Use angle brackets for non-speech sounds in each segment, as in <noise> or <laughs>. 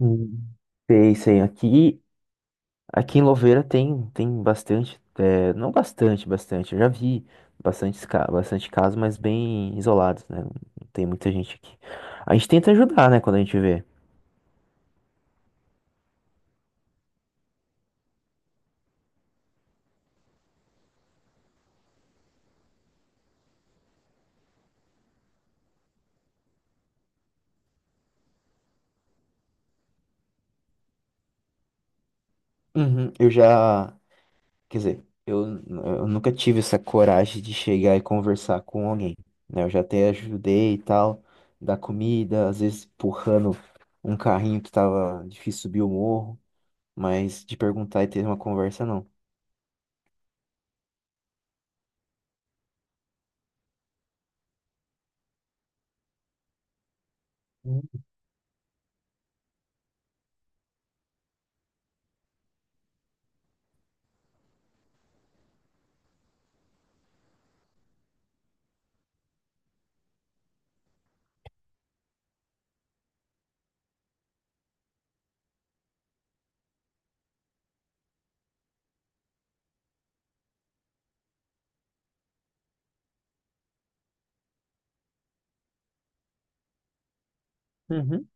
Hum. Sei, sei. Aqui, aqui em Louveira tem, tem bastante, é, não bastante, bastante. Eu já vi bastante, bastante casos, mas bem isolados, né? Não tem muita gente aqui. A gente tenta ajudar, né, quando a gente vê. Uhum, eu já, quer dizer, eu nunca tive essa coragem de chegar e conversar com alguém, né? Eu já até ajudei e tal, dar comida, às vezes empurrando um carrinho que tava difícil subir o morro, mas de perguntar e ter uma conversa, não. Uhum.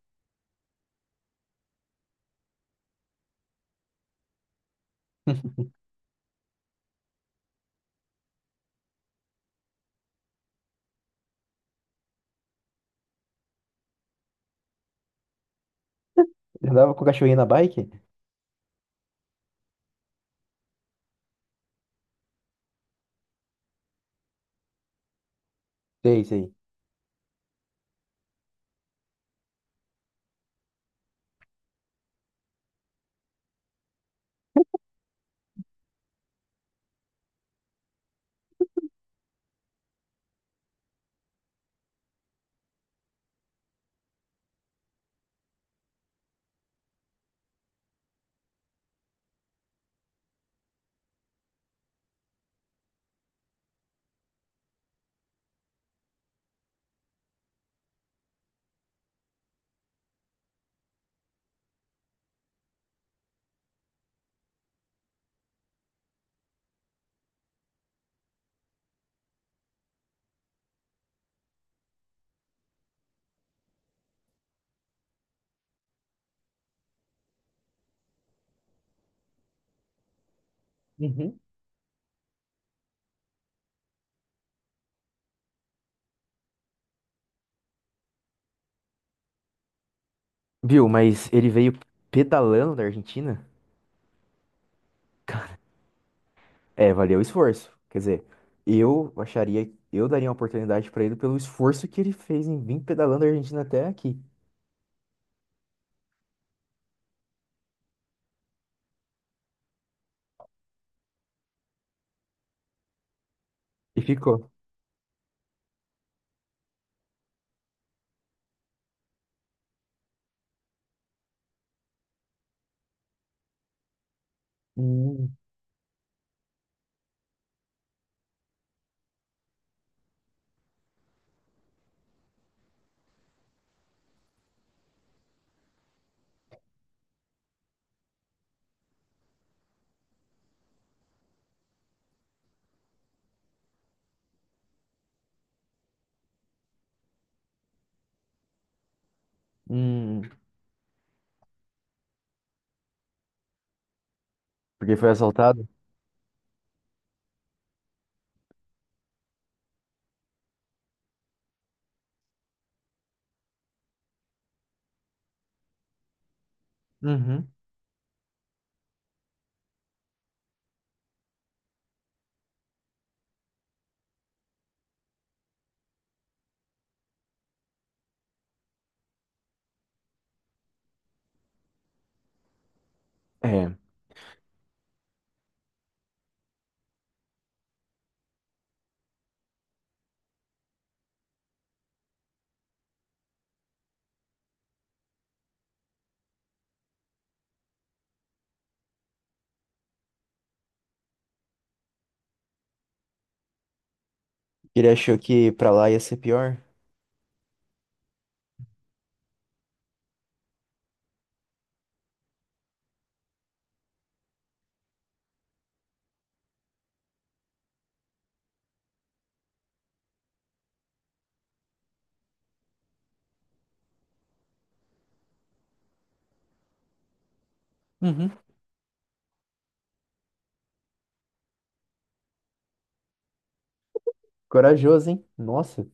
<laughs> Ele andava com o cachorrinho na bike? Sei, sei. Uhum. Viu, mas ele veio pedalando da Argentina? É, valeu o esforço. Quer dizer, eu daria uma oportunidade pra ele pelo esforço que ele fez em vir pedalando da Argentina até aqui. E ficou. Hum. Hum, porque foi assaltado? Uhum. É. Ele achou que pra lá ia ser pior? Uhum. Corajoso, hein? Nossa.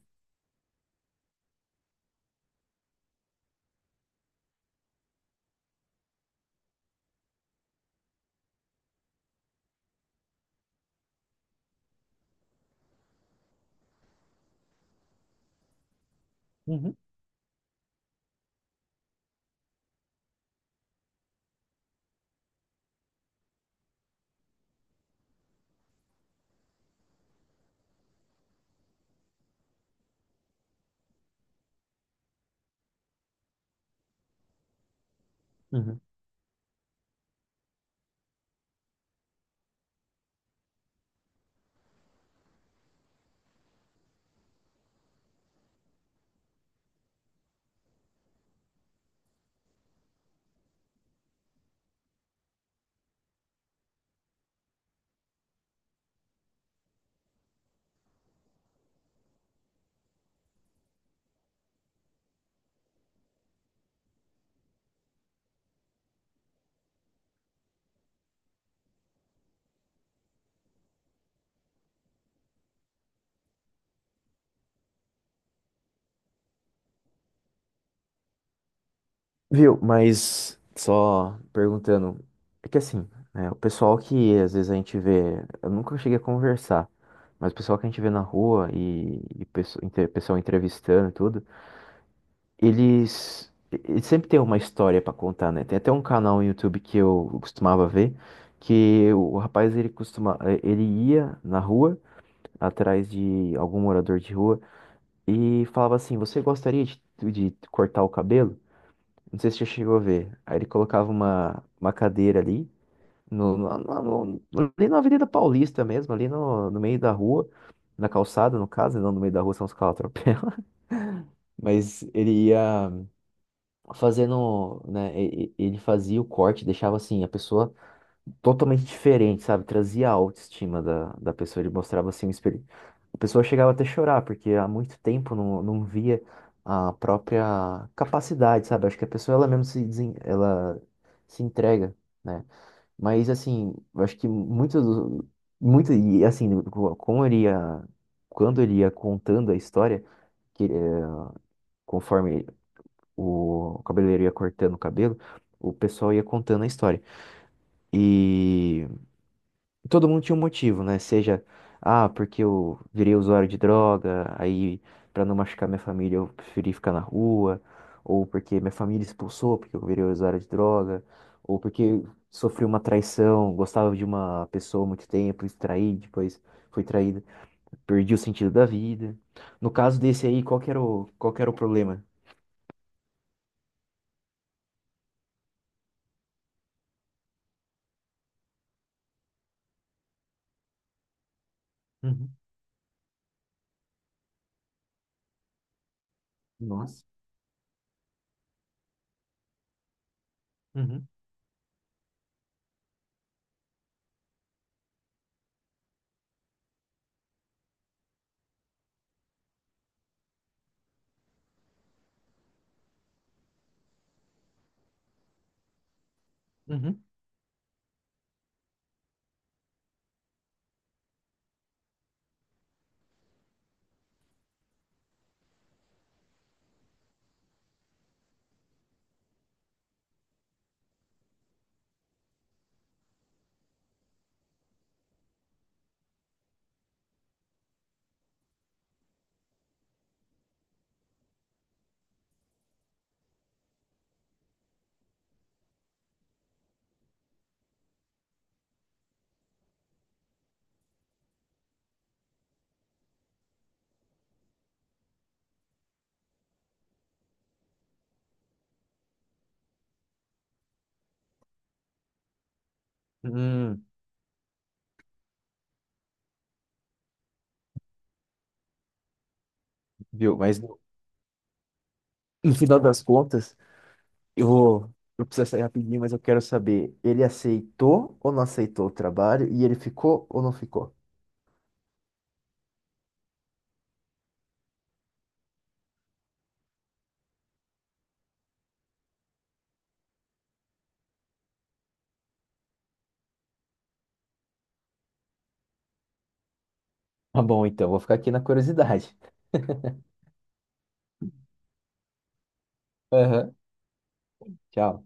Uhum. Uhum. Viu? Mas só perguntando, é que assim, né, o pessoal que às vezes a gente vê, eu nunca cheguei a conversar, mas o pessoal que a gente vê na rua pessoal entrevistando e tudo, eles sempre têm uma história pra contar, né? Tem até um canal no YouTube que eu costumava ver, que o rapaz ele costuma, ele ia na rua atrás de algum morador de rua e falava assim: "Você gostaria de cortar o cabelo?" Não sei se você chegou a ver. Aí ele colocava uma cadeira ali, no, no, no- ali na Avenida Paulista mesmo, ali no meio da rua, na calçada, no caso, né? Não no meio da rua, são os caras atropelam. <laughs> Mas ele ia fazendo, né? Ele fazia o corte, deixava assim a pessoa totalmente diferente, sabe? Trazia a autoestima da pessoa, ele mostrava assim um espelho. A pessoa chegava até a chorar, porque há muito tempo não via a própria capacidade, sabe? Acho que a pessoa ela mesmo se desen... ela se entrega, né? Mas assim, eu acho que muito do- muito e assim, co- como ele ia quando ele ia contando a história, que conforme o cabeleireiro ia cortando o cabelo, o pessoal ia contando a história. E todo mundo tinha um motivo, né? Seja, ah, porque eu virei usuário de droga, aí pra não machucar minha família eu preferi ficar na rua, ou porque minha família expulsou porque eu virei usuário de droga, ou porque sofri uma traição, gostava de uma pessoa há muito tempo, e traí, depois fui traída, perdi o sentido da vida. No caso desse aí, qual que era o problema? Uhum. Nossa. Uhum. Uhum. Hum, viu? Mas no final das contas, eu vou, eu preciso sair rapidinho, mas eu quero saber, ele aceitou ou não aceitou o trabalho e ele ficou ou não ficou? Tá bom, então, vou ficar aqui na curiosidade. Aham. Tchau.